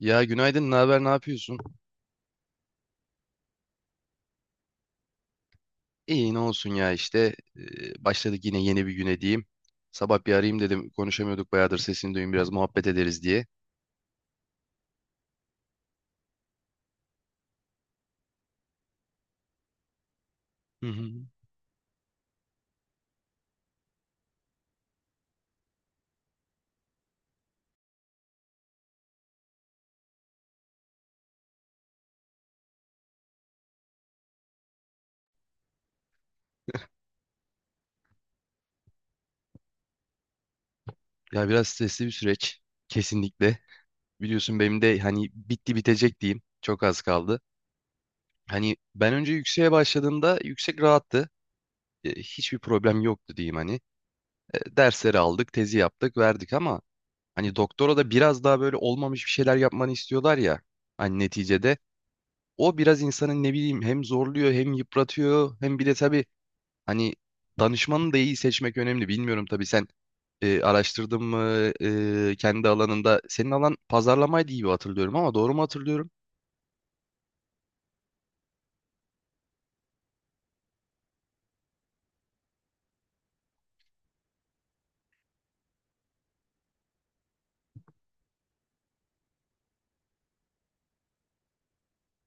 Ya günaydın, ne haber, ne yapıyorsun? İyi, ne olsun ya işte. Başladık yine yeni bir güne diyeyim. Sabah bir arayayım dedim. Konuşamıyorduk bayağıdır, sesini duyayım biraz muhabbet ederiz diye. Hı hı. Ya biraz stresli bir süreç. Kesinlikle. Biliyorsun benim de hani bitti bitecek diyeyim. Çok az kaldı. Hani ben önce yükseğe başladığımda yüksek rahattı. Hiçbir problem yoktu diyeyim hani. Dersleri aldık, tezi yaptık, verdik ama hani doktora da biraz daha böyle olmamış bir şeyler yapmanı istiyorlar ya. Hani neticede o biraz insanın ne bileyim hem zorluyor hem yıpratıyor hem bir de tabii hani danışmanı da iyi seçmek önemli. Bilmiyorum tabii sen araştırdın mı kendi alanında. Senin alan pazarlamaydı gibi hatırlıyorum, ama doğru mu hatırlıyorum?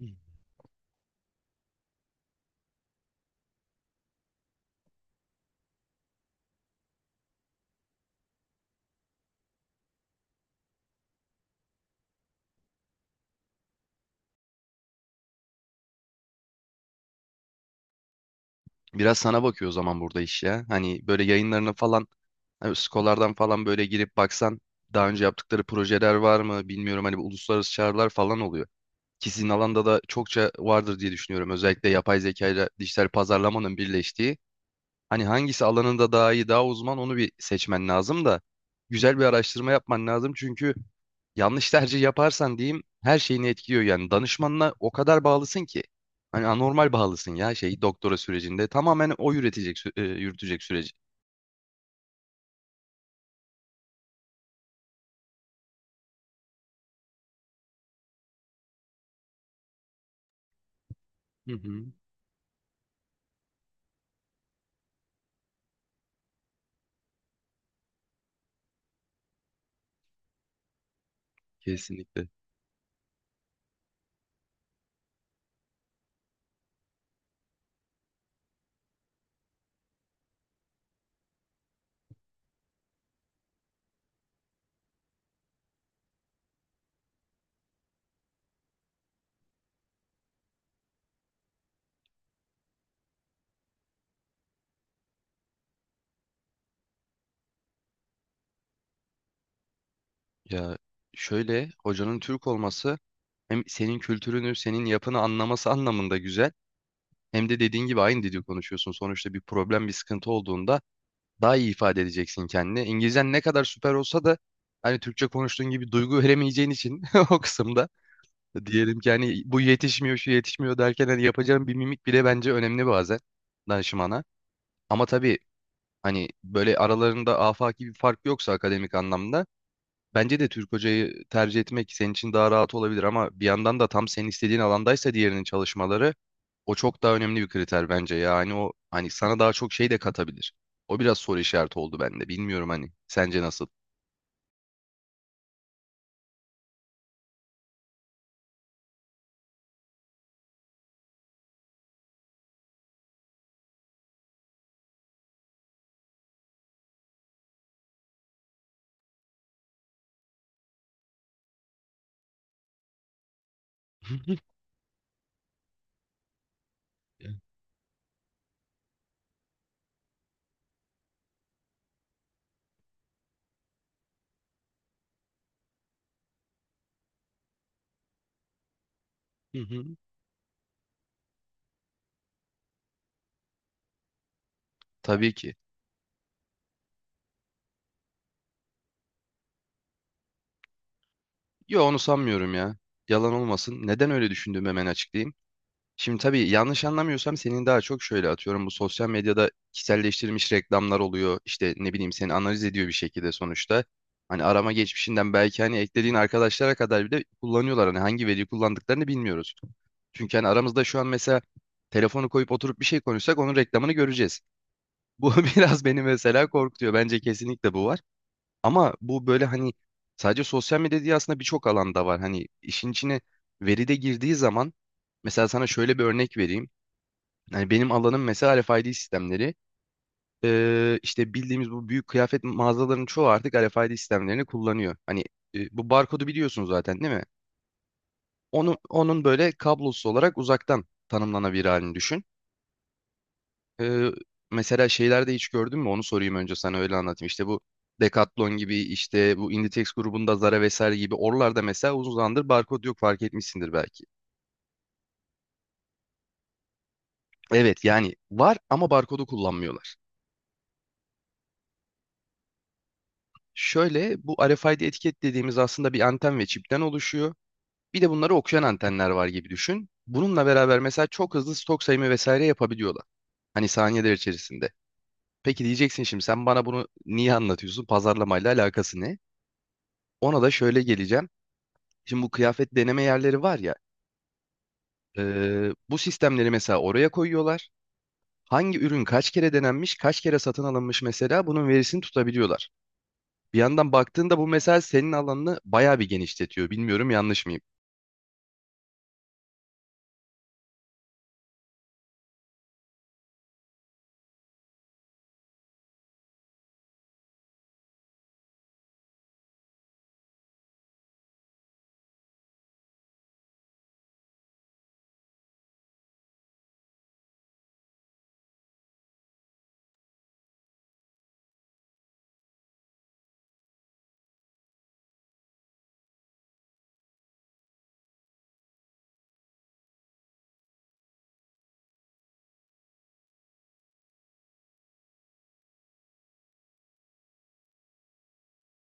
Hı. Biraz sana bakıyor o zaman burada iş ya. Hani böyle yayınlarını falan, hani Skolar'dan falan böyle girip baksan, daha önce yaptıkları projeler var mı bilmiyorum, hani bu uluslararası çağrılar falan oluyor. Ki sizin alanda da çokça vardır diye düşünüyorum. Özellikle yapay zeka ile dijital pazarlamanın birleştiği hani hangisi alanında daha iyi, daha uzman, onu bir seçmen lazım da güzel bir araştırma yapman lazım. Çünkü yanlış tercih yaparsan diyeyim her şeyini etkiliyor yani. Danışmanına o kadar bağlısın ki. Hani anormal bağlısın ya şey doktora sürecinde. Tamamen o üretecek, yürütecek süreci. Hı hı. Kesinlikle. Ya şöyle, hocanın Türk olması hem senin kültürünü, senin yapını anlaması anlamında güzel. Hem de dediğin gibi aynı dili konuşuyorsun. Sonuçta bir problem, bir sıkıntı olduğunda daha iyi ifade edeceksin kendini. İngilizcen ne kadar süper olsa da hani Türkçe konuştuğun gibi duygu veremeyeceğin için o kısımda, diyelim ki hani bu yetişmiyor şu yetişmiyor derken, hani yapacağın bir mimik bile bence önemli bazen danışmana. Ama tabii hani böyle aralarında afaki bir fark yoksa akademik anlamda, bence de Türk hocayı tercih etmek senin için daha rahat olabilir. Ama bir yandan da tam senin istediğin alandaysa diğerinin çalışmaları, o çok daha önemli bir kriter bence. Yani o hani sana daha çok şey de katabilir. O biraz soru işareti oldu bende. Bilmiyorum hani. Sence nasıl? Hı hı. Hı hı. Tabii ki. Yo, onu sanmıyorum ya. Yalan olmasın, neden öyle düşündüğümü hemen açıklayayım. Şimdi tabii yanlış anlamıyorsam senin daha çok şöyle, atıyorum, bu sosyal medyada kişiselleştirilmiş reklamlar oluyor. İşte ne bileyim, seni analiz ediyor bir şekilde sonuçta. Hani arama geçmişinden belki, hani eklediğin arkadaşlara kadar bile kullanıyorlar. Hani hangi veriyi kullandıklarını bilmiyoruz. Çünkü hani aramızda şu an mesela telefonu koyup oturup bir şey konuşsak onun reklamını göreceğiz. Bu biraz beni mesela korkutuyor. Bence kesinlikle bu var. Ama bu böyle hani sadece sosyal medya değil, aslında birçok alanda var. Hani işin içine veri de girdiği zaman, mesela sana şöyle bir örnek vereyim. Yani benim alanım mesela RFID sistemleri. İşte bildiğimiz bu büyük kıyafet mağazalarının çoğu artık RFID sistemlerini kullanıyor. Hani bu barkodu biliyorsun zaten değil mi? Onu, onun böyle kablosuz olarak uzaktan tanımlanabilir halini düşün. Ee, Mesela şeylerde hiç gördün mü? Onu sorayım önce, sana öyle anlatayım. İşte bu Decathlon gibi, işte bu Inditex grubunda Zara vesaire gibi, oralarda mesela uzun zamandır barkod yok, fark etmişsindir belki. Evet yani var ama barkodu kullanmıyorlar. Şöyle, bu RFID etiket dediğimiz aslında bir anten ve çipten oluşuyor. Bir de bunları okuyan antenler var gibi düşün. Bununla beraber mesela çok hızlı stok sayımı vesaire yapabiliyorlar. Hani saniyeler içerisinde. Peki diyeceksin şimdi, sen bana bunu niye anlatıyorsun? Pazarlamayla alakası ne? Ona da şöyle geleceğim. Şimdi bu kıyafet deneme yerleri var ya, e, bu sistemleri mesela oraya koyuyorlar. Hangi ürün kaç kere denenmiş, kaç kere satın alınmış, mesela bunun verisini tutabiliyorlar. Bir yandan baktığında bu mesela senin alanını bayağı bir genişletiyor. Bilmiyorum, yanlış mıyım?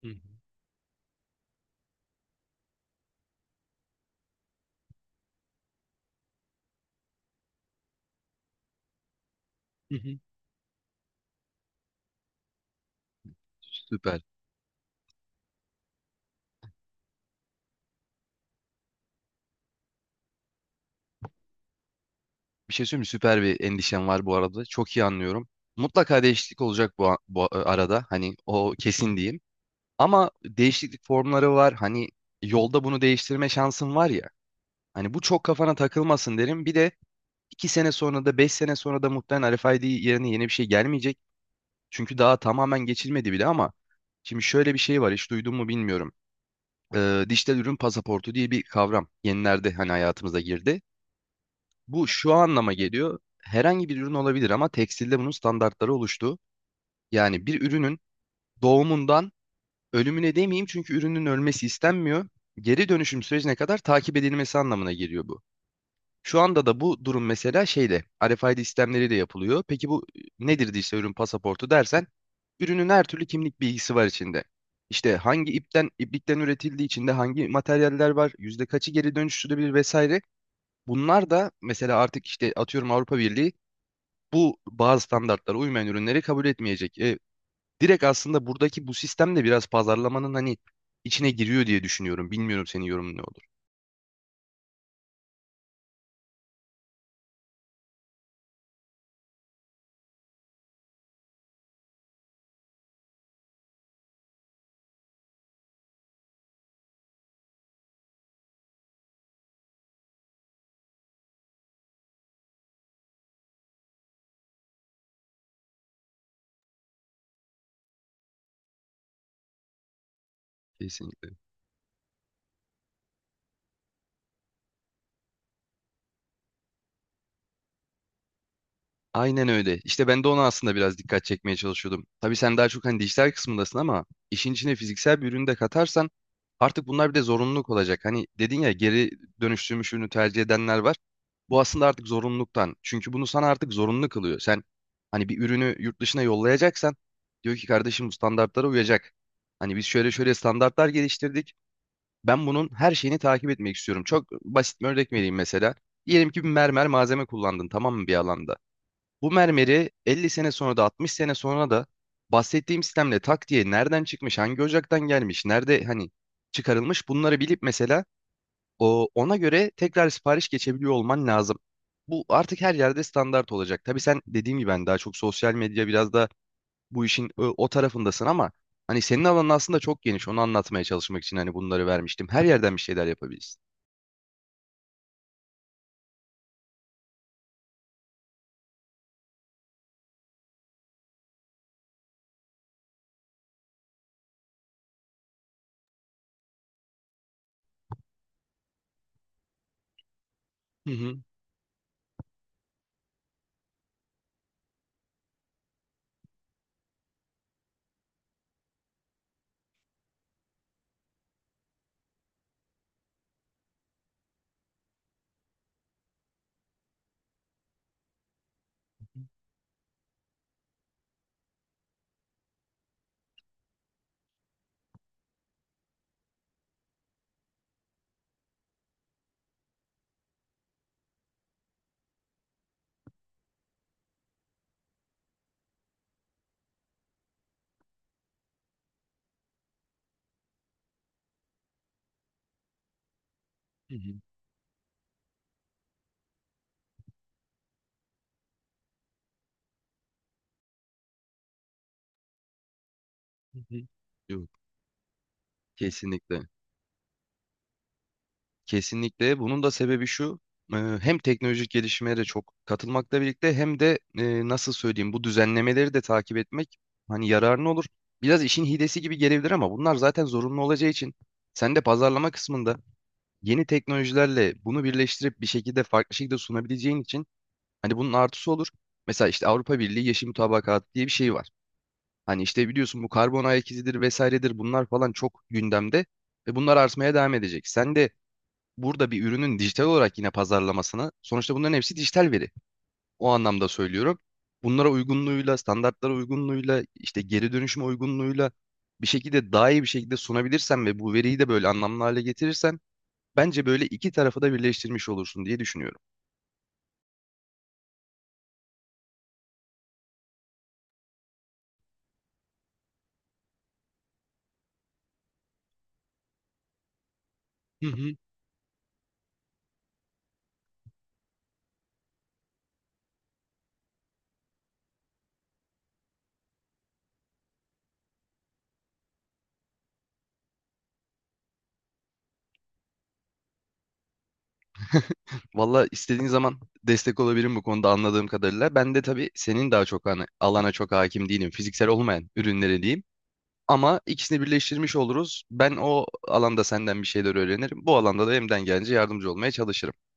Hı hı. Hı hı. Süper. Bir şey söyleyeyim mi? Süper bir endişem var bu arada. Çok iyi anlıyorum. Mutlaka değişiklik olacak bu, bu arada. Hani o kesin diyeyim. Ama değişiklik formları var. Hani yolda bunu değiştirme şansın var ya. Hani bu çok kafana takılmasın derim. Bir de iki sene sonra da beş sene sonra da muhtemelen RFID yerine yeni bir şey gelmeyecek. Çünkü daha tamamen geçilmedi bile. Ama şimdi şöyle bir şey var, hiç duydun mu bilmiyorum. Dijital ürün pasaportu diye bir kavram yenilerde hani hayatımıza girdi. Bu şu anlama geliyor: herhangi bir ürün olabilir ama tekstilde bunun standartları oluştu. Yani bir ürünün doğumundan ölümüne demeyeyim, çünkü ürünün ölmesi istenmiyor, geri dönüşüm sürecine kadar takip edilmesi anlamına geliyor bu. Şu anda da bu durum mesela şeyle, RFID sistemleriyle yapılıyor. Peki bu nedir diye, işte ürün pasaportu dersen, ürünün her türlü kimlik bilgisi var içinde. İşte hangi ipten iplikten üretildiği, içinde hangi materyaller var, yüzde kaçı geri dönüştürülebilir vesaire. Bunlar da mesela artık, işte atıyorum, Avrupa Birliği bu bazı standartlara uymayan ürünleri kabul etmeyecek. Direkt aslında buradaki bu sistem de biraz pazarlamanın hani içine giriyor diye düşünüyorum. Bilmiyorum, senin yorumun ne olur? Kesinlikle. Aynen öyle. İşte ben de ona aslında biraz dikkat çekmeye çalışıyordum. Tabii sen daha çok hani dijital kısmındasın, ama işin içine fiziksel bir ürünü de katarsan artık bunlar bir de zorunluluk olacak. Hani dedin ya, geri dönüştürmüş ürünü tercih edenler var. Bu aslında artık zorunluluktan. Çünkü bunu sana artık zorunlu kılıyor. Sen hani bir ürünü yurt dışına yollayacaksan, diyor ki kardeşim bu standartlara uyacak. Hani biz şöyle şöyle standartlar geliştirdik. Ben bunun her şeyini takip etmek istiyorum. Çok basit bir örnek vereyim mesela. Diyelim ki bir mermer malzeme kullandın, tamam mı, bir alanda? Bu mermeri 50 sene sonra da 60 sene sonra da bahsettiğim sistemle tak diye nereden çıkmış, hangi ocaktan gelmiş, nerede hani çıkarılmış, bunları bilip mesela ona göre tekrar sipariş geçebiliyor olman lazım. Bu artık her yerde standart olacak. Tabii sen dediğim gibi ben daha çok sosyal medya, biraz da bu işin o tarafındasın ama hani senin alanın aslında çok geniş. Onu anlatmaya çalışmak için hani bunları vermiştim. Her yerden bir şeyler yapabilirsin. Hı hı. Hı hı. Hı hı. Yok, kesinlikle. Kesinlikle. Bunun da sebebi şu. e, Hem teknolojik gelişmeye de çok katılmakla birlikte, hem de nasıl söyleyeyim, bu düzenlemeleri de takip etmek hani yararlı olur. Biraz işin hilesi gibi gelebilir ama bunlar zaten zorunlu olacağı için, sen de pazarlama kısmında yeni teknolojilerle bunu birleştirip bir şekilde farklı şekilde sunabileceğin için hani bunun artısı olur. Mesela işte Avrupa Birliği Yeşil Mutabakat diye bir şey var. Hani işte biliyorsun, bu karbon ayak izidir vesairedir, bunlar falan çok gündemde ve bunlar artmaya devam edecek. Sen de burada bir ürünün dijital olarak yine pazarlamasına, sonuçta bunların hepsi dijital veri, o anlamda söylüyorum, bunlara uygunluğuyla, standartlara uygunluğuyla, işte geri dönüşüm uygunluğuyla bir şekilde daha iyi bir şekilde sunabilirsen ve bu veriyi de böyle anlamlı hale getirirsen, bence böyle iki tarafı da birleştirmiş olursun diye düşünüyorum. Hı hı. Valla, istediğin zaman destek olabilirim bu konuda anladığım kadarıyla. Ben de tabii senin daha çok hani alana çok hakim değilim, fiziksel olmayan ürünlere diyeyim. Ama ikisini birleştirmiş oluruz. Ben o alanda senden bir şeyler öğrenirim, bu alanda da elimden gelince yardımcı olmaya çalışırım.